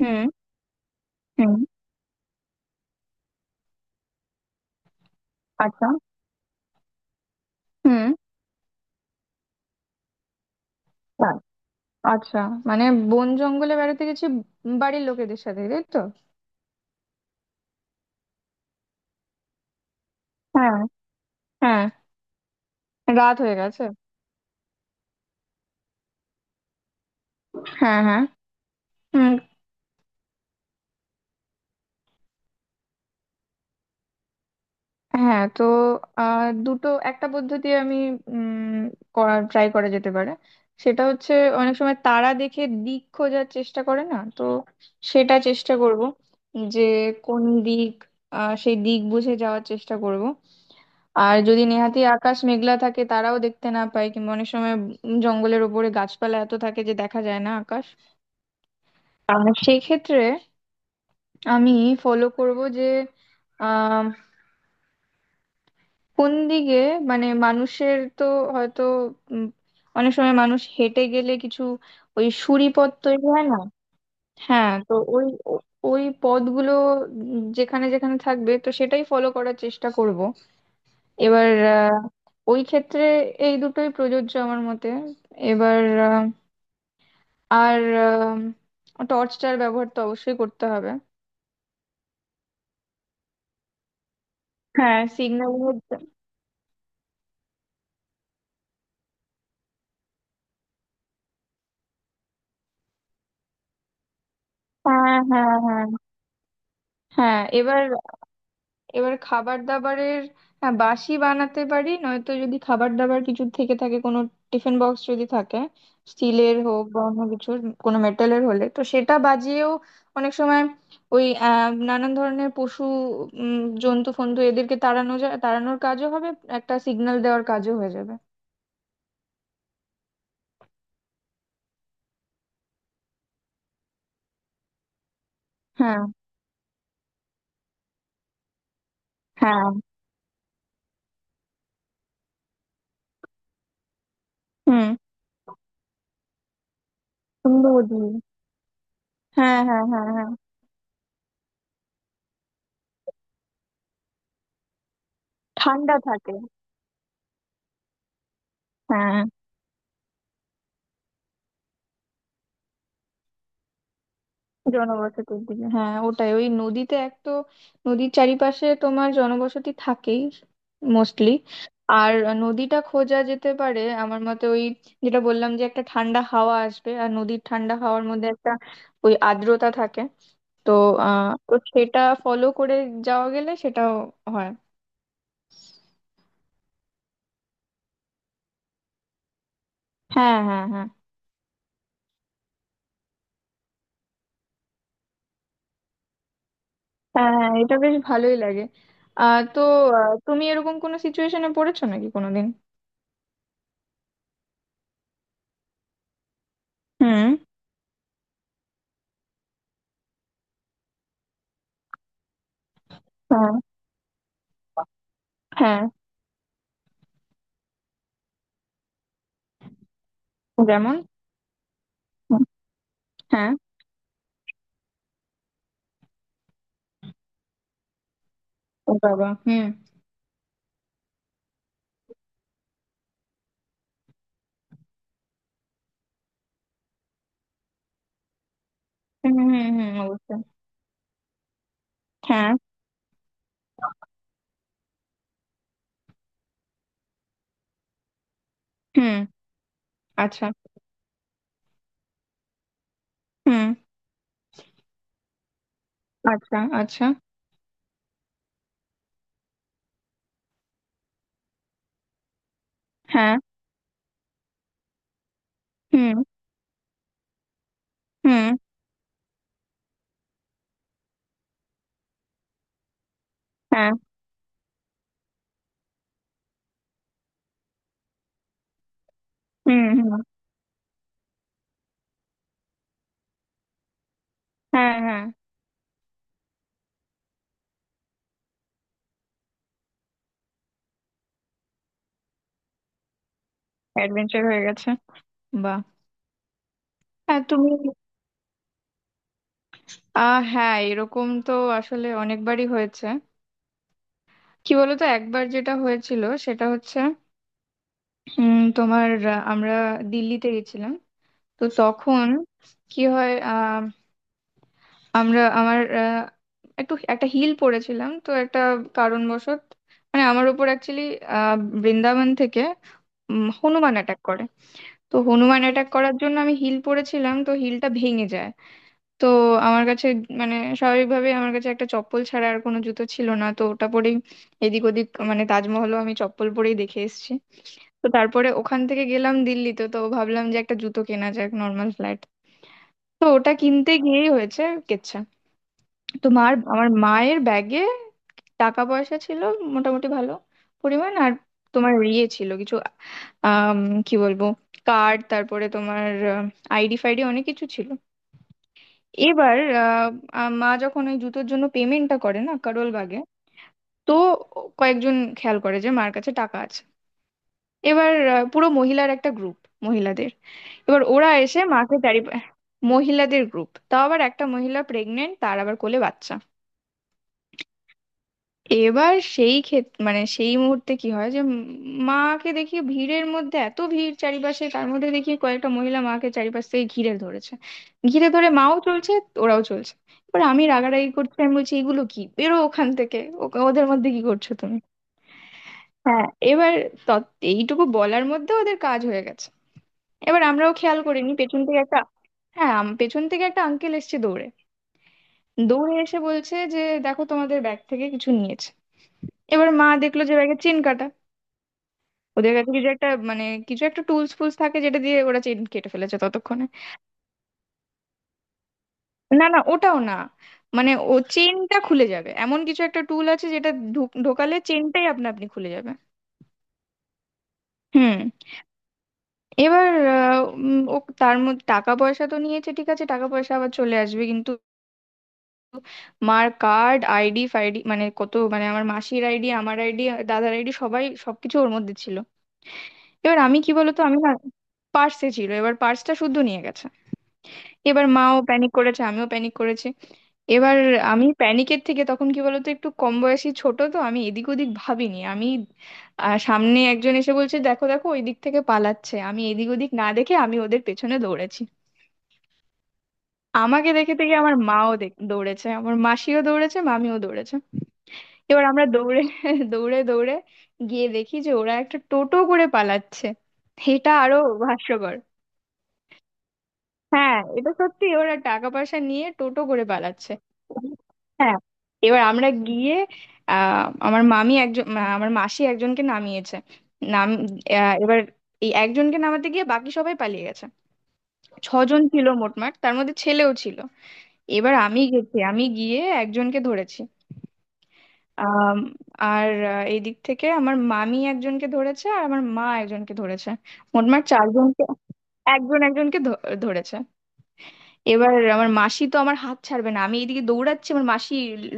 হুম। হুম। আচ্ছা। হুম। তাই। আচ্ছা, মানে বন জঙ্গলে বেড়াতে গেছি বাড়ির লোকেদের সাথে, তাই তো? হ্যাঁ, হ্যাঁ। রাত হয়ে গেছে। হ্যাঁ, হ্যাঁ। হুম। হ্যাঁ, তো দুটো একটা পদ্ধতি আমি উম করার ট্রাই করা যেতে পারে। সেটা হচ্ছে, অনেক সময় তারা দেখে দিক খোঁজার চেষ্টা করে না তো, সেটা চেষ্টা করব যে কোন দিক, সেই দিক বুঝে যাওয়ার চেষ্টা করব। আর যদি নেহাতি আকাশ মেঘলা থাকে তারাও দেখতে না পায়, কিংবা অনেক সময় জঙ্গলের ওপরে গাছপালা এত থাকে যে দেখা যায় না আকাশ। আর সেই ক্ষেত্রে আমি ফলো করব যে আহ কোন দিকে, মানে মানুষের তো হয়তো উম, অনেক সময় মানুষ হেঁটে গেলে কিছু ওই সুড়ি পথ তৈরি হয় না। হ্যাঁ, তো ওই ওই পথগুলো যেখানে যেখানে থাকবে তো সেটাই ফলো করার চেষ্টা করব। এবার ওই ক্ষেত্রে এই দুটোই প্রযোজ্য আমার মতে। এবার আহ, আর টর্চটার ব্যবহার তো অবশ্যই করতে হবে। হ্যাঁ, সিগন্যাল। হ্যাঁ, হ্যাঁ, হ্যাঁ, হ্যাঁ। এবার এবার খাবার দাবারের, হ্যাঁ বাসি বানাতে পারি, নয়তো যদি খাবার দাবার কিছু থেকে থাকে, কোনো টিফিন বক্স যদি থাকে, স্টিলের হোক বা অন্য কিছুর কোনো মেটালের হলে তো সেটা বাজিয়েও অনেক সময় ওই নানান ধরনের পশু জন্তু ফন্তু এদেরকে তাড়ানো যায়, তাড়ানোর কাজও হবে, একটা সিগন্যাল দেওয়ার কাজও হয়ে যাবে। হ্যাঁ, হ্যাঁ। হুম। সুন্দরী। হ্যাঁ, হ্যাঁ, হ্যাঁ, হ্যাঁ। ঠান্ডা থাকে। হ্যাঁ, জনবসতির দিকে। হ্যাঁ, ওটাই ওই নদীতে এক তো, নদীর চারিপাশে তোমার জনবসতি থাকেই মোস্টলি। আর নদীটা খোঁজা যেতে পারে আমার মতে, ওই যেটা বললাম যে একটা ঠান্ডা হাওয়া আসবে, আর নদীর ঠান্ডা হাওয়ার মধ্যে একটা ওই আর্দ্রতা থাকে। তো তো সেটা ফলো করে যাওয়া গেলে সেটাও হয়। হ্যাঁ হ্যাঁ, হ্যাঁ, হ্যাঁ। হ্যাঁ, এটা বেশ ভালোই লাগে। আহ তো তুমি এরকম কোনো সিচুয়েশনে পড়েছো নাকি কোনোদিন? হুম। হ্যাঁ, হ্যাঁ। যেমন? হুম। হ্যাঁ। ও বাবা, হুম। হুম। হুম। হুম, অবশ্যই। হ্যাঁ। হুম। আচ্ছা। হুম। আচ্ছা, আচ্ছা। হ্যাঁ। হুম। হুম। হ্যাঁ। হুম। হুম। হ্যাঁ, হ্যাঁ, অ্যাডভেঞ্চার হয়ে গেছে। বাহ। হ্যাঁ, তুমি, হ্যাঁ এরকম তো আসলে অনেকবারই হয়েছে। কি বলতো, একবার যেটা হয়েছিল সেটা হচ্ছে উম তোমার আমরা দিল্লিতে গেছিলাম। তো তখন কি হয়, আমরা আমার একটু একটা হিল পরেছিলাম তো একটা কারণবশত, মানে আমার উপর অ্যাকচুয়ালি বৃন্দাবন থেকে হনুমান অ্যাটাক করে। তো হনুমান অ্যাটাক করার জন্য আমি হিল পরেছিলাম তো হিলটা ভেঙে যায়। তো আমার কাছে, মানে স্বাভাবিকভাবে আমার কাছে একটা চপ্পল ছাড়া আর কোনো জুতো ছিল না, তো ওটা পরেই এদিক ওদিক, মানে তাজমহলও আমি চপ্পল পরেই দেখে এসেছি। তো তারপরে ওখান থেকে গেলাম দিল্লিতে, তো ভাবলাম যে একটা জুতো কেনা যাক, নর্মাল ফ্ল্যাট। তো ওটা কিনতে গিয়েই হয়েছে কেচ্ছা। তোমার, আমার মায়ের ব্যাগে টাকা পয়সা ছিল মোটামুটি ভালো পরিমাণ, আর তোমার ইয়ে ছিল কিছু, আম, কি বলবো, কার্ড, তারপরে তোমার আইডি ফাইডি অনেক কিছু ছিল। এবার আহ, আহ, মা যখন ওই জুতোর জন্য পেমেন্টটা করে না কারোল বাগে, তো কয়েকজন খেয়াল করে যে মার কাছে টাকা আছে। এবার পুরো মহিলার একটা গ্রুপ, মহিলাদের। এবার ওরা এসে মাকে চারি, মহিলাদের গ্রুপ, তাও আবার একটা মহিলা প্রেগনেন্ট, তার আবার কোলে বাচ্চা। এবার সেই ক্ষেত্রে মানে সেই মুহূর্তে কি হয় যে মাকে দেখি ভিড়ের মধ্যে, এত ভিড় চারিপাশে, তার মধ্যে দেখি কয়েকটা মহিলা মাকে চারিপাশ থেকে ঘিরে ধরেছে। ঘিরে ধরে মাও চলছে, ওরাও চলছে। এবার আমি রাগারাগি করছি, আমি বলছি এগুলো কি, বেরো ওখান থেকে, ওদের মধ্যে কি করছো তুমি? হ্যাঁ। এবার এইটুকু বলার মধ্যে ওদের কাজ হয়ে গেছে। এবার আমরাও খেয়াল করিনি, পেছন থেকে একটা, হ্যাঁ পেছন থেকে একটা আঙ্কেল এসেছে দৌড়ে, দৌড়ে এসে বলছে যে দেখো তোমাদের ব্যাগ থেকে কিছু নিয়েছে। এবার মা দেখলো যে ব্যাগে চেন কাটা। ওদের কাছে কিছু একটা, মানে কিছু একটা টুলস ফুলস থাকে, যেটা দিয়ে ওরা চেন কেটে ফেলেছে ততক্ষণে। না না, ওটাও না, মানে ও চেনটা খুলে যাবে এমন কিছু একটা টুল আছে যেটা ঢোকালে চেনটাই আপনা আপনি খুলে যাবে। হুম। এবার ও তার মধ্যে টাকা পয়সা তো নিয়েছে, ঠিক আছে, টাকা পয়সা আবার চলে আসবে, কিন্তু মার কার্ড আইডি ফাইডি, মানে কত, মানে আমার মাসির আইডি, আমার আইডি, দাদার আইডি, সবাই সবকিছু ওর মধ্যে ছিল। এবার আমি কি বলতো, আমি না, পার্সে ছিল, এবার পার্সটা শুদ্ধ নিয়ে গেছে। এবার মাও প্যানিক করেছে, আমিও প্যানিক করেছি। এবার আমি প্যানিকের থেকে, তখন কি বলতো একটু কম বয়সী ছোট, তো আমি এদিক ওদিক ভাবিনি, আমি সামনে একজন এসে বলছে দেখো দেখো ওই দিক থেকে পালাচ্ছে, আমি এদিক ওদিক না দেখে আমি ওদের পেছনে দৌড়েছি। আমাকে দেখে দেখে আমার মাও দৌড়েছে, আমার মাসিও দৌড়েছে, মামিও দৌড়েছে। এবার আমরা দৌড়ে দৌড়ে দৌড়ে গিয়ে দেখি যে ওরা একটা টোটো করে পালাচ্ছে। এটা আরো হাস্যকর। হ্যাঁ এটা সত্যি, ওরা টাকা পয়সা নিয়ে টোটো করে পালাচ্ছে। হ্যাঁ। এবার আমরা গিয়ে আমার মাসি একজনকে নামিয়েছে। নাম এবার এই একজনকে নামাতে গিয়ে বাকি সবাই পালিয়ে গেছে। ছজন ছিল মোটমাট, তার মধ্যে ছেলেও ছিল। এবার আমি গেছি, আমি গিয়ে একজনকে ধরেছি। আম, আর এই দিক থেকে আমার মামি একজনকে ধরেছে আর আমার মা একজনকে ধরেছে। মোটমাট চারজনকে, একজন একজনকে ধরেছে। এবার আমার মাসি তো আমার হাত ছাড়বে না, আমি এদিকে দৌড়াচ্ছি, আমার মাসি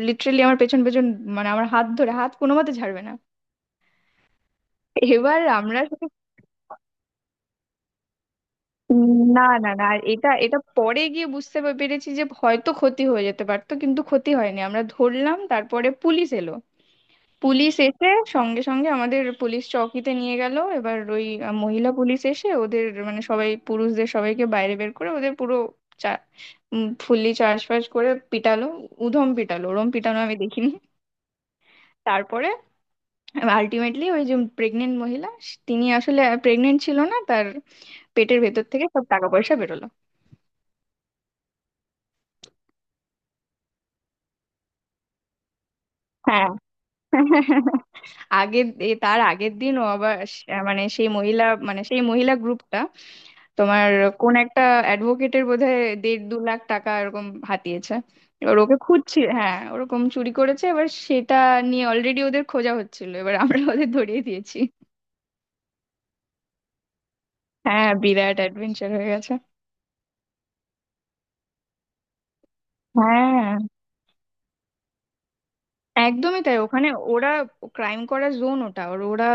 লিটারেলি আমার পেছন পেছন, মানে আমার হাত ধরে, হাত কোনো মতে ছাড়বে না। এবার আমরা শুধু না না না, আর এটা এটা পরে গিয়ে বুঝতে পেরেছি যে হয়তো ক্ষতি হয়ে যেতে পারতো কিন্তু ক্ষতি হয়নি। আমরা ধরলাম, তারপরে পুলিশ এলো। পুলিশ এসে সঙ্গে সঙ্গে আমাদের পুলিশ চৌকিতে নিয়ে গেল, এবার ওই মহিলা পুলিশ এসে ওদের, মানে সবাই পুরুষদের সবাইকে বাইরে বের করে ওদের পুরো চা ফুললি চার্জ ফার্জ করে পিটালো। উধম পিটালো, ওরম পিটানো আমি দেখিনি। তারপরে আলটিমেটলি ওই যে প্রেগনেন্ট মহিলা তিনি আসলে প্রেগনেন্ট ছিল না, তার পেটের ভেতর থেকে সব টাকা পয়সা বেরোলো। হ্যাঁ। তার আগের দিন ও আবার মানে সেই মহিলা, মানে সেই মহিলা গ্রুপটা তোমার কোন একটা অ্যাডভোকেটের বোধহয় দেড় দু লাখ টাকা এরকম হাতিয়েছে। এবার ওকে খুঁজছি, হ্যাঁ ওরকম চুরি করেছে, এবার সেটা নিয়ে অলরেডি ওদের খোঁজা হচ্ছিল, এবার আমরা ওদের ধরিয়ে দিয়েছি। হ্যাঁ, বিরাট অ্যাডভেঞ্চার হয়ে গেছে। হ্যাঁ, একদমই তাই, ওখানে ওরা ক্রাইম করা জোন ওটা, আর ওরা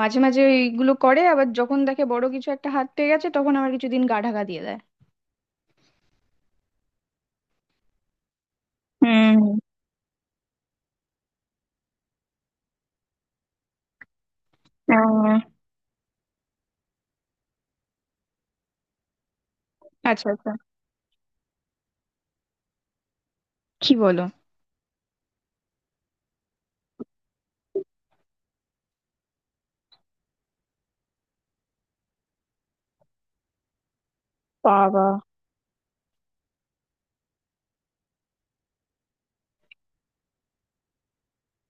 মাঝে মাঝে এইগুলো করে, আবার যখন দেখে বড় কিছু একটা হাত পেয়ে গেছে তখন আবার কিছুদিন গা ঢাকা দিয়ে দেয়। হুম। আহ, আচ্ছা, আচ্ছা। কি বলো! বাবা!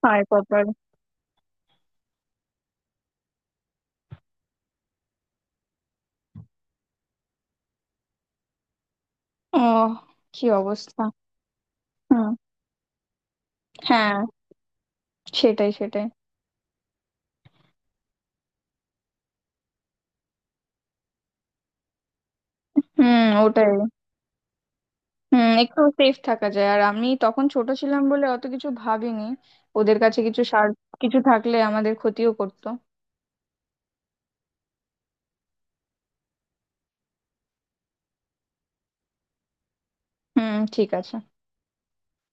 হায় কপাল! ও! কি অবস্থা! হুম। হ্যাঁ, সেটাই সেটাই। হুম, ওটাই। হুম, একটু সেফ থাকা যায়। আর আমি তখন ছোট ছিলাম বলে অত কিছু ভাবিনি, ওদের কাছে কিছু সার, কিছু থাকলে আমাদের ক্ষতিও করতো। হুম, ঠিক আছে।